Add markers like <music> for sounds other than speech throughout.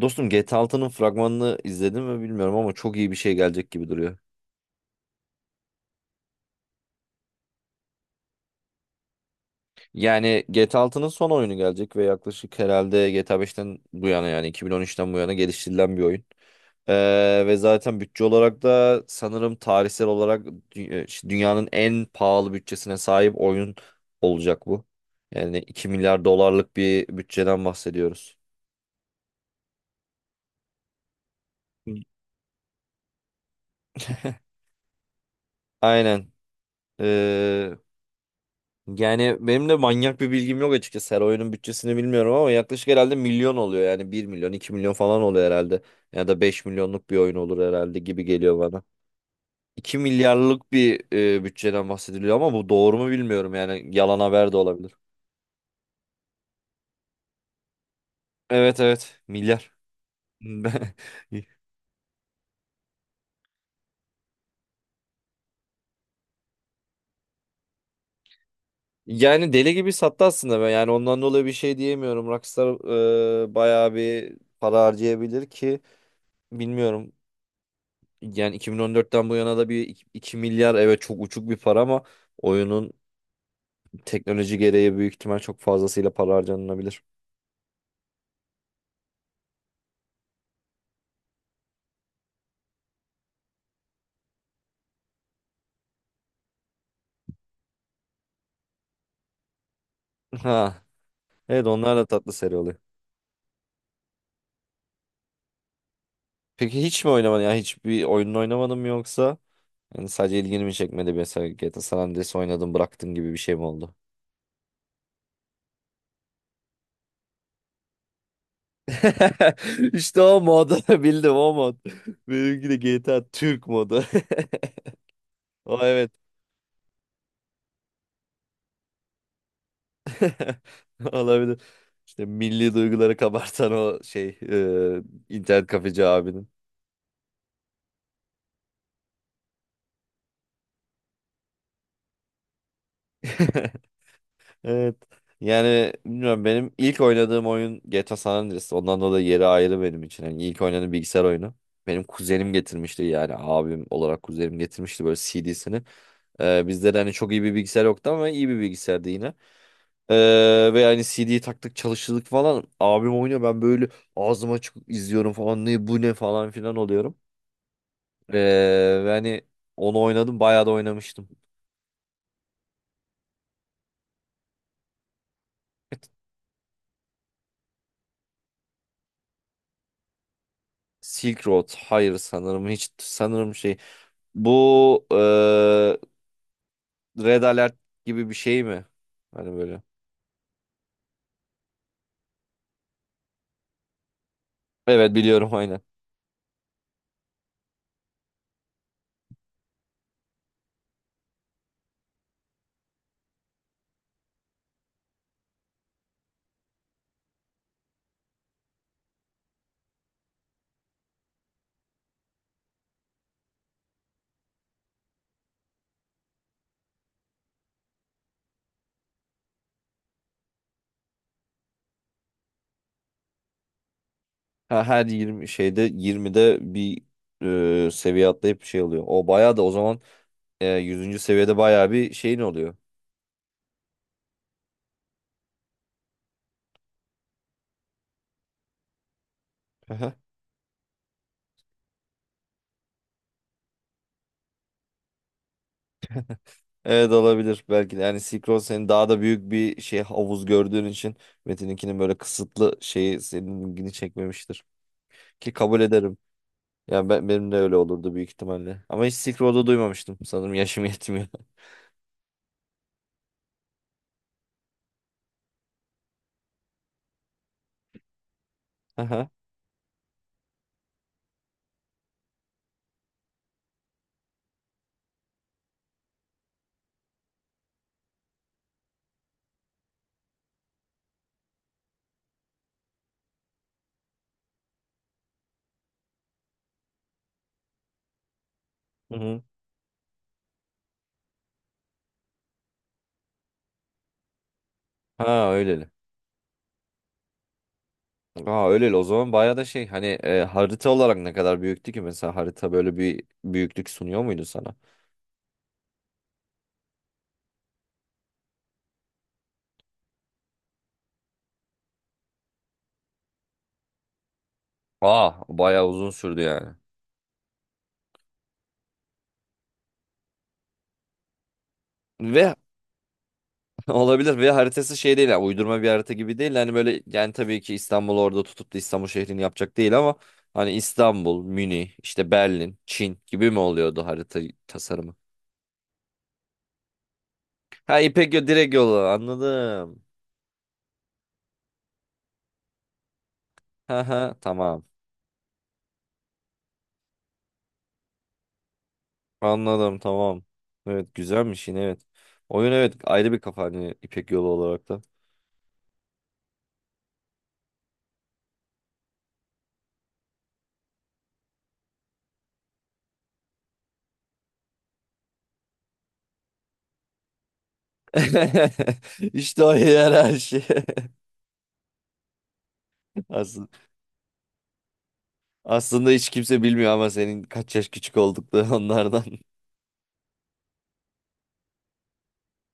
Dostum GTA Altının fragmanını izledim mi bilmiyorum ama çok iyi bir şey gelecek gibi duruyor. Yani GTA Altının son oyunu gelecek ve yaklaşık herhalde GTA 5'ten bu yana, yani 2013'ten bu yana geliştirilen bir oyun. Ve zaten bütçe olarak da sanırım tarihsel olarak dünyanın en pahalı bütçesine sahip oyun olacak bu. Yani 2 milyar dolarlık bir bütçeden bahsediyoruz. Aynen. Ee, Yani benim de manyak bir bilgim yok açıkçası. Her oyunun bütçesini bilmiyorum ama yaklaşık herhalde milyon oluyor. Yani bir milyon, 2 milyon falan oluyor herhalde. Ya da 5 milyonluk bir oyun olur herhalde gibi geliyor bana. İki milyarlık bir bütçeden bahsediliyor ama bu doğru mu bilmiyorum. Yani yalan haber de olabilir. Evet evet, milyar. <laughs> Yani deli gibi sattı aslında ben. Yani ondan dolayı bir şey diyemiyorum. Rockstar bayağı bir para harcayabilir ki bilmiyorum. Yani 2014'ten bu yana da bir 2 milyar, evet, çok uçuk bir para ama oyunun teknoloji gereği büyük ihtimal çok fazlasıyla para harcanılabilir. <laughs> Ha, evet, onlar da tatlı seri oluyor. Peki hiç mi oynamadın? Ya hiçbir oyununu oynamadın mı yoksa? Yani sadece ilgini mi çekmedi, mesela GTA San Andreas oynadın bıraktın gibi bir şey mi oldu? <laughs> İşte o modu <laughs> bildim o mod. Benimki de GTA Türk modu. <laughs> O, evet. <laughs> Olabilir. İşte milli duyguları kabartan o şey, internet kafeci abinin. <laughs> Evet. Yani bilmiyorum, benim ilk oynadığım oyun GTA San Andreas. Ondan dolayı yeri ayrı benim için. Yani ilk oynadığım bilgisayar oyunu. Benim kuzenim getirmişti, yani abim olarak kuzenim getirmişti böyle CD'sini. Bizde de hani çok iyi bir bilgisayar yoktu ama iyi bir bilgisayardı yine. Ve hani CD'yi taktık çalıştırdık falan. Abim oynuyor, ben böyle ağzım açık izliyorum falan, ne bu ne falan filan oluyorum. Ee, Yani onu oynadım, bayağı da oynamıştım. Evet, Silk Road, hayır sanırım hiç, sanırım şey bu, Red Alert gibi bir şey mi? Hani böyle. Evet biliyorum <laughs> aynen. Ha, her 20 şeyde 20'de bir seviye atlayıp bir şey oluyor. O bayağı da o zaman 100. seviyede bayağı bir şeyin oluyor. Aha. Evet, olabilir belki de. Yani Silk Road senin daha da büyük bir şey, havuz gördüğün için Metin'inkinin böyle kısıtlı şeyi seninkini çekmemiştir. Ki kabul ederim. Ya ben, benim de öyle olurdu büyük ihtimalle. Ama hiç Silk Road'u duymamıştım. Sanırım yaşım yetmiyor. <laughs> Aha. Hı hı. Ha öyleli. Ha öyleli. O zaman bayağı da şey, hani harita olarak ne kadar büyüktü ki, mesela harita böyle bir büyüklük sunuyor muydu sana? Aa, bayağı uzun sürdü yani. Ve <laughs> olabilir, ve haritası şey değil, yani uydurma bir harita gibi değil hani, böyle, yani tabii ki İstanbul orada tutup da İstanbul şehrini yapacak değil ama hani İstanbul, Münih, işte Berlin, Çin gibi mi oluyordu harita tasarımı? Ha, direkt yolu anladım. Ha ha, tamam. Anladım, tamam. Evet, güzelmiş yine, evet. Oyun, evet, ayrı bir kafa hani İpek yolu olarak da. <laughs> İşte o yer her şey. <laughs> Aslında, aslında hiç kimse bilmiyor ama senin kaç yaş küçük oldukları onlardan.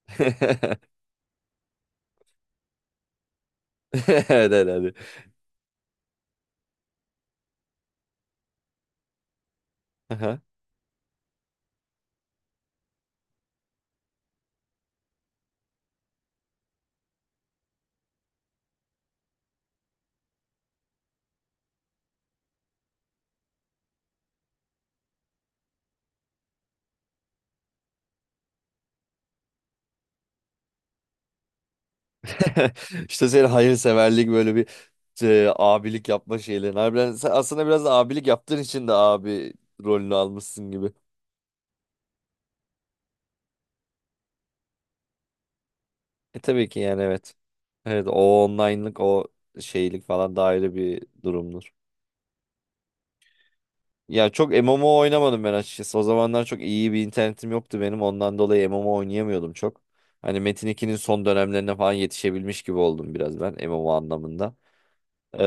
<laughs> Evet, herhalde. Aha. <laughs> İşte senin hayırseverlik, böyle bir abilik yapma şeylerin. Harbiden sen aslında biraz da abilik yaptığın için de abi rolünü almışsın gibi. E, tabii ki, yani evet. Evet, o online'lık, o şeylik falan da ayrı bir durumdur. Ya, çok MMO oynamadım ben açıkçası. O zamanlar çok iyi bir internetim yoktu benim. Ondan dolayı MMO oynayamıyordum çok. Hani Metin 2'nin son dönemlerine falan yetişebilmiş gibi oldum biraz ben MMO anlamında. Ee,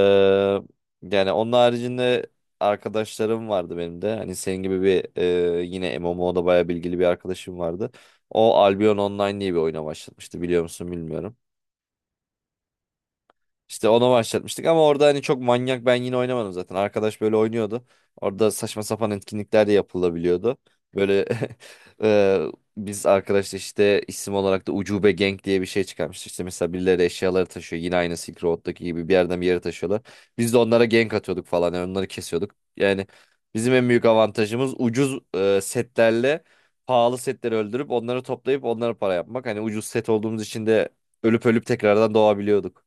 Yani onun haricinde arkadaşlarım vardı benim de. Hani senin gibi bir yine MMO'da bayağı bilgili bir arkadaşım vardı. O Albion Online diye bir oyuna başlatmıştı, biliyor musun bilmiyorum. İşte onu başlatmıştık ama orada hani çok manyak, ben yine oynamadım zaten. Arkadaş böyle oynuyordu. Orada saçma sapan etkinlikler de yapılabiliyordu. Böyle <laughs> e, biz arkadaşla işte isim olarak da Ucube Gang diye bir şey çıkarmıştık. İşte mesela birileri eşyaları taşıyor. Yine aynı Silk Road'daki gibi bir yerden bir yere taşıyorlar. Biz de onlara gank atıyorduk falan. Yani onları kesiyorduk. Yani bizim en büyük avantajımız ucuz setlerle pahalı setleri öldürüp onları toplayıp onlara para yapmak. Hani ucuz set olduğumuz için de ölüp ölüp tekrardan doğabiliyorduk.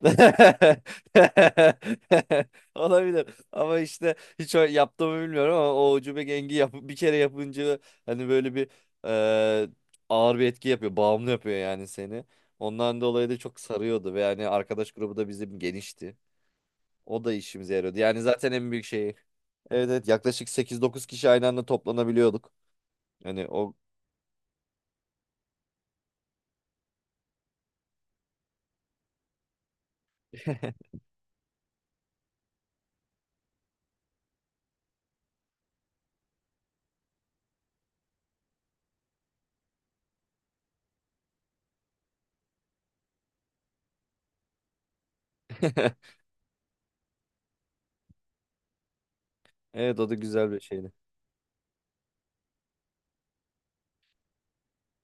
<laughs> Olabilir ama işte hiç yaptığımı bilmiyorum, ama o ucube gengi yap, bir kere yapınca hani böyle bir eee, ağır bir etki yapıyor, bağımlı yapıyor yani seni, ondan dolayı da çok sarıyordu. Ve yani arkadaş grubu da bizim genişti, o da işimize yarıyordu yani, zaten en büyük şeyi. Evet evet, yaklaşık sekiz dokuz kişi aynı anda toplanabiliyorduk hani o. <laughs> Evet, o da güzel bir şeydi,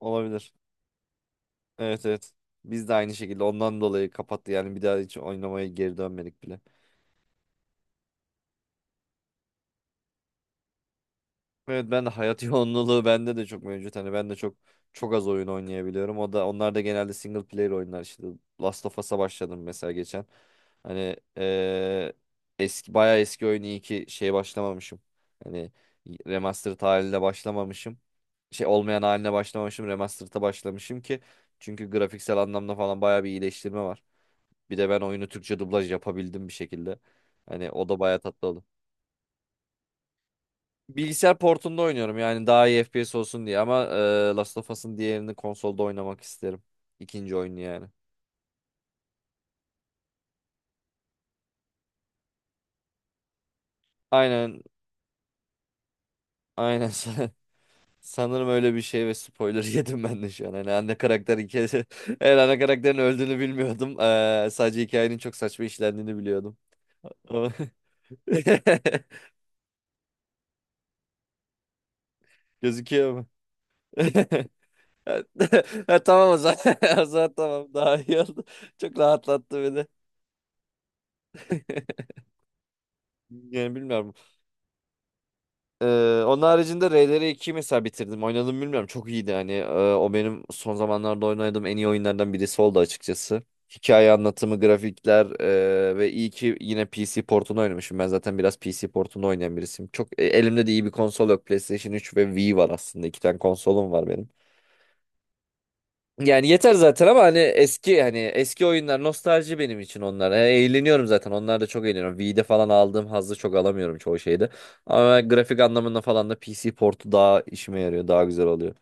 olabilir. Evet evet. Biz de aynı şekilde ondan dolayı kapattı, yani bir daha hiç oynamaya geri dönmedik bile. Evet, ben de hayat <laughs> yoğunluğu bende de çok mevcut. Hani ben de çok çok az oyun oynayabiliyorum. O da, onlar da genelde single player oyunlar, işte Last of Us'a başladım mesela geçen. Hani eski, bayağı eski oyun, iyi ki şeye başlamamışım. Hani remastered haline başlamamışım. Şey olmayan haline başlamamışım. Remastered'a başlamışım ki, çünkü grafiksel anlamda falan bayağı bir iyileştirme var. Bir de ben oyunu Türkçe dublaj yapabildim bir şekilde. Hani o da bayağı tatlı oldu. Bilgisayar portunda oynuyorum, yani daha iyi FPS olsun diye, ama Last of Us'ın diğerini konsolda oynamak isterim. İkinci oyunu yani. Aynen aynen, <laughs> sanırım öyle bir şey ve spoiler <laughs> yedim ben de şu an. Hani ana karakter hikayesi <laughs> eğer, ana karakterin öldüğünü bilmiyordum. E, sadece hikayenin çok saçma işlendiğini biliyordum. Ama- <laughs> Gözüküyor mu? <laughs> Ha, <laughs> ha, tamam o zaman. <laughs> O zaman tamam, daha iyi oldu. Çok rahatlattı beni. <laughs> Yani bilmiyorum. Ee, Onun haricinde Ray'leri 2 mesela bitirdim. Oynadım, bilmiyorum. Çok iyiydi hani. O benim son zamanlarda oynadığım en iyi oyunlardan birisi oldu açıkçası. Hikaye anlatımı, grafikler, ve iyi ki yine PC portunu oynamışım. Ben zaten biraz PC portunu oynayan birisiyim. Çok, elimde de iyi bir konsol yok. PlayStation 3 ve Wii var aslında. İki tane konsolum var benim. Yani yeter zaten ama hani eski oyunlar nostalji benim için onlar. E, eğleniyorum zaten. Onlar da, çok eğleniyorum. V'de falan aldığım hazzı çok alamıyorum çoğu şeyde. Ama grafik anlamında falan da PC portu daha işime yarıyor. Daha güzel oluyor.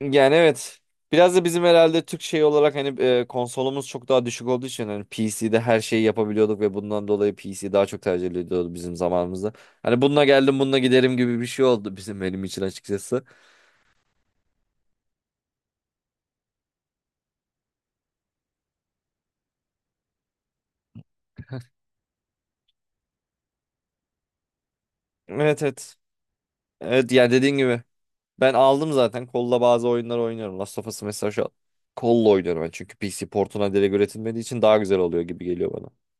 Yani evet. Biraz da bizim herhalde Türk şey olarak, hani konsolumuz çok daha düşük olduğu için hani PC'de her şeyi yapabiliyorduk ve bundan dolayı PC daha çok tercih ediliyordu bizim zamanımızda. Hani bununla geldim bununla giderim gibi bir şey oldu bizim, benim için açıkçası. Evet evet. Evet, yani dediğin gibi. Ben aldım zaten. Kolla bazı oyunlar oynuyorum. Last of Us mesela şu an kolla oynuyorum ben. Çünkü PC portuna direkt üretilmediği için daha güzel oluyor gibi geliyor bana.